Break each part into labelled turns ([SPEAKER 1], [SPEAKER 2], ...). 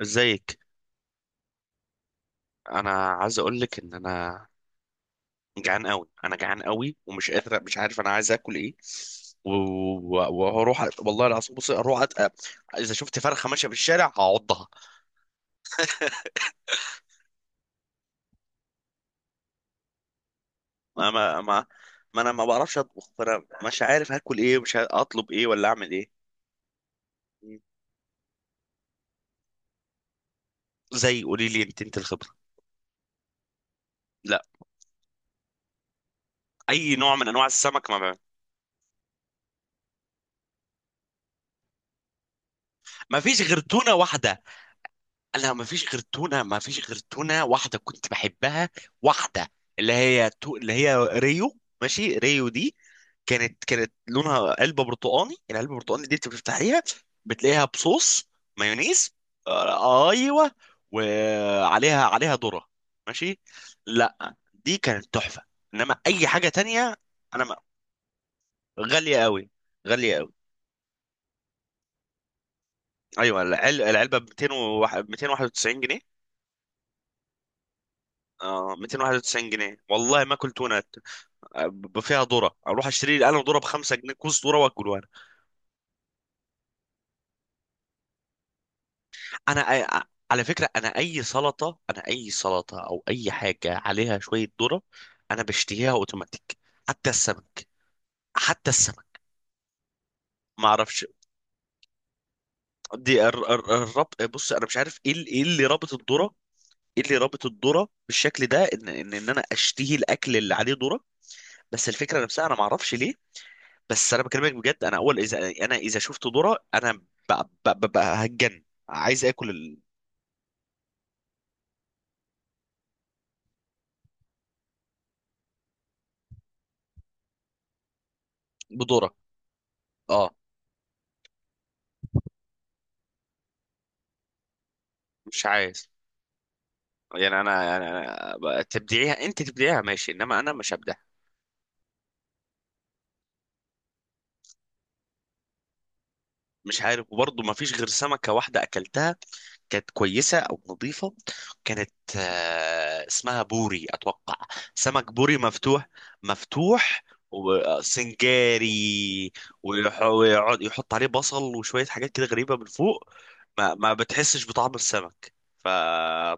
[SPEAKER 1] ازيك؟ انا عايز اقول لك ان جعان قوي. ومش قادر، مش عارف انا عايز اكل ايه. و- وهروح والله العظيم. بصي، اروح اذا شفت فرخه ماشيه في الشارع هعضها. ما ما ما, ما انا ما بعرفش اطبخ، فانا مش عارف هاكل ايه، مش عارف اطلب ايه ولا اعمل ايه. زي، قولي لي، انت الخبره. لا، اي نوع من انواع السمك ما بعمل. ما فيش غير تونه واحده. انا ما فيش غير تونه، ما فيش غير تونه واحده كنت بحبها. واحده اللي هي اللي هي ريو. ماشي، ريو دي كانت لونها علبه برتقاني. العلبه البرتقاني دي انت بتفتحيها بتلاقيها بصوص، مايونيز. آه ايوه. وعليها ذره. ماشي. لا دي كانت تحفه، انما اي حاجه تانية. انا ما... غاليه قوي، غاليه قوي. ايوه العلبه ب 291 جنيه. اه 291 جنيه، والله ما اكل تونه. فيها ذره، اروح اشتري لي انا ذره ب 5 جنيه، كوز ذره واكله. انا انا أ- على فكره، انا اي سلطه، انا اي سلطه او اي حاجه عليها شويه ذره انا بشتهيها اوتوماتيك. حتى السمك، حتى السمك. ما اعرفش. دي الربط. بص، انا مش عارف ايه إيه اللي رابط الذره، ايه اللي رابط الذره بالشكل ده. ان انا اشتهي الاكل اللي عليه ذره. بس الفكره نفسها انا ما اعرفش ليه. بس انا بكلمك بجد. انا اول اذا، انا اذا شفت ذره انا هتجن، عايز اكل. بدورك. اه. مش عايز. يعني انا، يعني تبدعيها، انت تبدعيها ماشي، انما انا مش هبدعها. مش عارف. وبرضه ما فيش غير سمكة واحدة اكلتها كانت كويسة او نظيفة. كانت، آه، اسمها بوري اتوقع. سمك بوري مفتوح، مفتوح. وسنجاري. ويقعد يحط عليه بصل وشوية حاجات كده غريبة من فوق. ما بتحسش بطعم السمك، ف اه.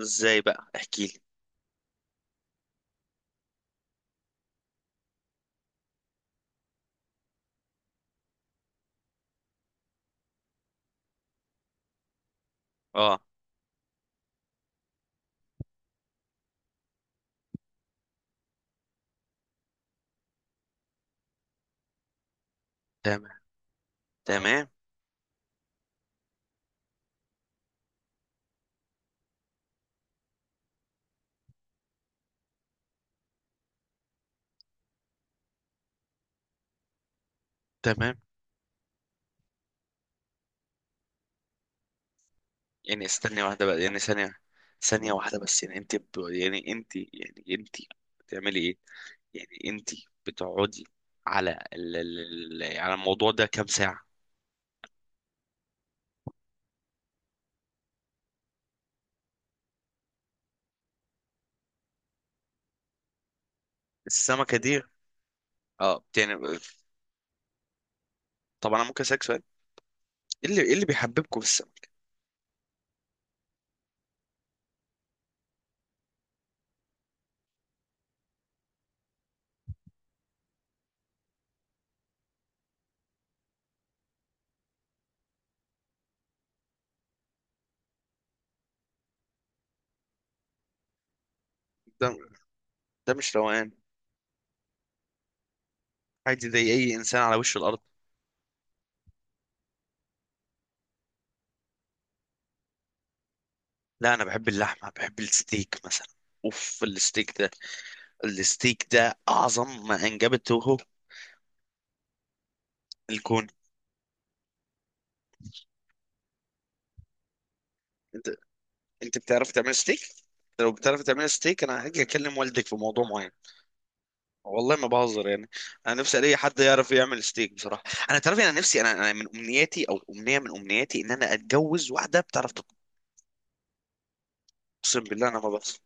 [SPEAKER 1] ازاي بقى؟ احكي لي. اه تمام، تمام، تمام. يعني استني واحدة بقى، يعني ثانية، ثانية واحدة بس. يعني يعني انت، يعني انت بتعملي ايه؟ يعني انت بتقعدي على على الموضوع ده كام ساعة؟ السمكة دي. اه يعني. طب انا ممكن اسالك سؤال؟ ايه اللي، ايه اللي بيحببكم في السمك؟ ده، ده مش روقان. عادي زي اي انسان على وش الارض. لا انا بحب اللحمة، بحب الستيك مثلا. اوف، الستيك ده، الستيك ده اعظم ما انجبته الكون. انت بتعرف تعمل ستيك؟ لو بتعرف تعمل ستيك انا هاجي اكلم والدك في موضوع معين. والله ما بهزر يعني. انا نفسي الاقي حد يعرف يعمل ستيك بصراحه. انا تعرف، انا نفسي، انا من امنياتي، او امنيه من امنياتي، ان انا اتجوز واحده بتعرف تطبخ. اقسم بالله انا ما بهزر.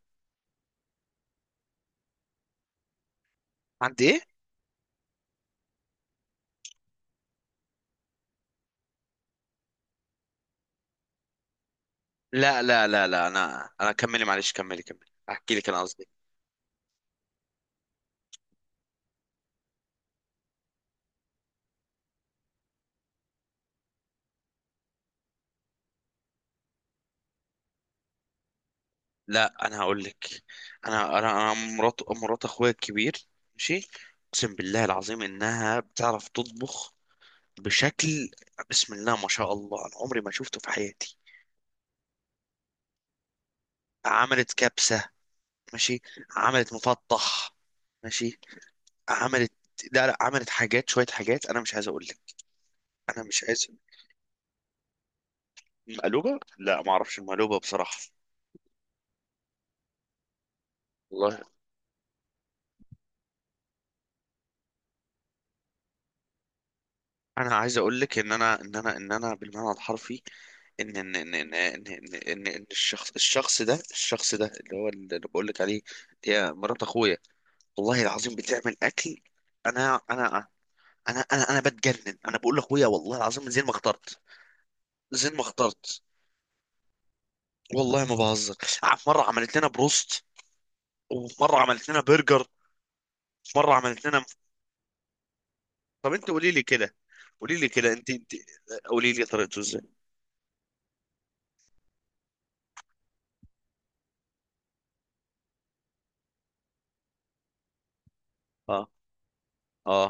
[SPEAKER 1] عندي ايه؟ لا، انا كملي، معلش كملي، كملي احكي لك انا قصدي. لا انا هقول لك. انا مرات، مرات اخويا الكبير. ماشي. اقسم بالله العظيم انها بتعرف تطبخ بشكل. بسم الله ما شاء الله، انا عمري ما شفته في حياتي. عملت كبسة، ماشي. عملت مفطح، ماشي. عملت، لا لا، عملت حاجات، شوية حاجات انا مش عايز اقول لك. انا مش عايز. مقلوبة، لا ما اعرفش المقلوبة بصراحة. والله. انا عايز اقول لك ان انا، ان انا، ان انا بالمعنى الحرفي، إن الشخص، الشخص ده، الشخص ده اللي هو اللي بقول لك عليه. يا مرات اخويا والله العظيم بتعمل اكل. انا انا انا بتجنن. انا بقول لاخويا والله العظيم من زين ما اخترت، زين ما اخترت. والله ما بهزر. في مره عملت لنا بروست، وفي مره عملت لنا برجر، وفي مره عملت لنا. طب انت قولي لي كده، قولي لي كده، انت قولي لي طريقته ازاي؟ اه اه.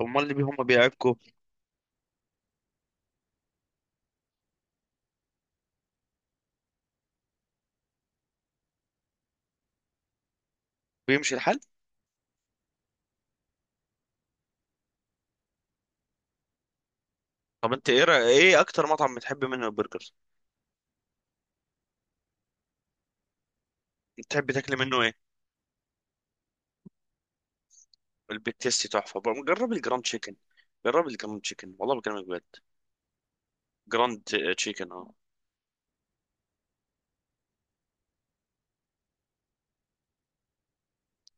[SPEAKER 1] امال هم بيعكوا. بيمشي الحال؟ طب انت ايه ايه اكتر مطعم بتحب منه البرجر؟ بتحب تاكلي منه ايه؟ البيك تيستي تحفه بقى، جرب الجراند تشيكن. جرب الجراند تشيكن والله بكلمك بجد. جراند تشيكن اه.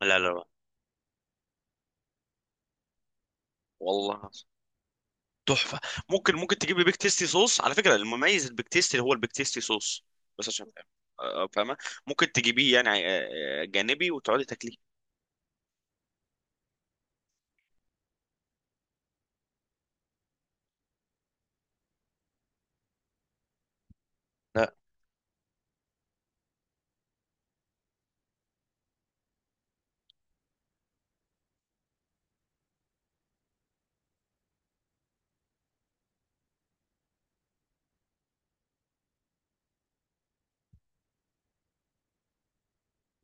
[SPEAKER 1] لا لا لا، والله تحفه. ممكن، ممكن تجيب لي بيك تيستي صوص؟ على فكره، المميز البيك تيستي هو البيك تيستي صوص. بس عشان فاهم، آه، فاهمه. ممكن تجيبيه يعني آه، آه، جانبي وتقعدي تاكليه. لا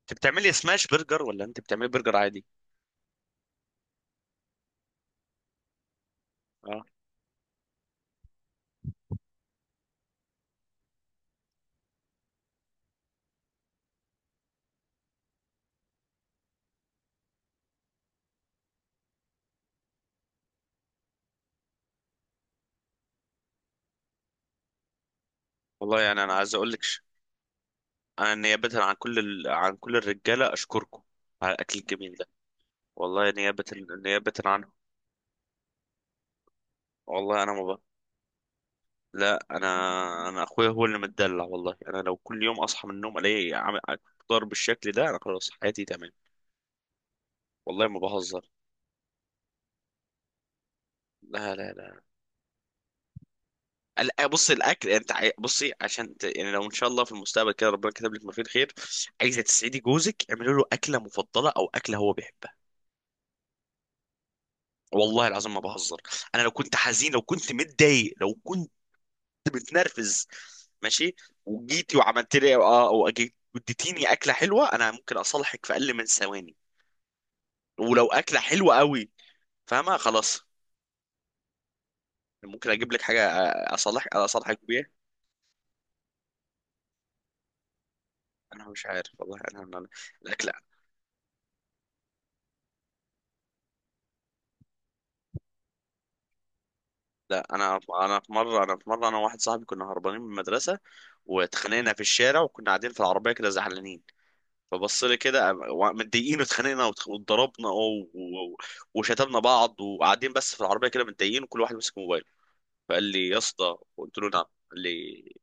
[SPEAKER 1] انت بتعملي سماش برجر ولا انت بتعملي برجر عادي؟ اه. والله يعني انا عايز اقول لك، انا نيابه عن كل عن كل الرجاله اشكركم على الاكل الجميل ده. والله نيابه، نيابه عنهم. والله انا ما بقى. لا انا، انا اخويا هو اللي متدلع. والله انا لو كل يوم اصحى من النوم الاقي ضرب بالشكل ده انا خلاص حياتي تمام. والله ما بهزر. لا لا لا. آه، بص الاكل، يعني انت بصي عشان يعني لو ان شاء الله في المستقبل كده ربنا كتب لك ما فيه الخير، عايزه تسعدي جوزك، اعملي له اكله مفضله او اكله هو بيحبها. والله العظيم ما بهزر. انا لو كنت حزين، لو كنت متضايق، لو كنت متنرفز، ماشي، وجيتي وعملت لي اه او اديتيني اكله حلوه، انا ممكن اصالحك في اقل من ثواني. ولو اكله حلوه قوي، فاهمه؟ خلاص، ممكن اجيب لك حاجه اصالح، اصالحك بيها. انا مش عارف والله انا الاكل. لا انا، انا في مره انا وواحد صاحبي كنا هربانين من المدرسه واتخانقنا في الشارع، وكنا قاعدين في العربيه كده زعلانين. فبص لي كده متضايقين، واتخانقنا واتضربنا وشتمنا بعض، وقاعدين بس في العربيه كده متضايقين، وكل واحد ماسك موبايله. فقال لي يا اسطى، قلت له نعم. قال لي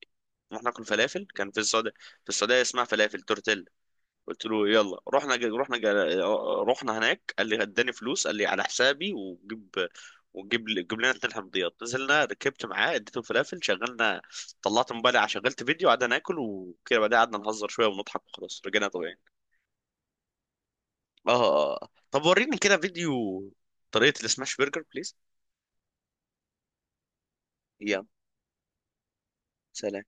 [SPEAKER 1] رحنا ناكل فلافل، كان في السعوديه، في السعوديه اسمها فلافل تورتيلا. قلت له يلا. رحنا هناك. قال لي، اداني فلوس، قال لي على حسابي وجيب، جيب لنا اتنين حمضيات. نزلنا، ركبت معاه، اديته فلافل، شغلنا، طلعت موبايلي شغلت فيديو، قعدنا ناكل وكده. بعدها قعدنا نهزر شويه ونضحك وخلاص، رجعنا طبيعي. اه. آه. طب وريني كده فيديو طريقه السماش برجر بليز. يلا سلام.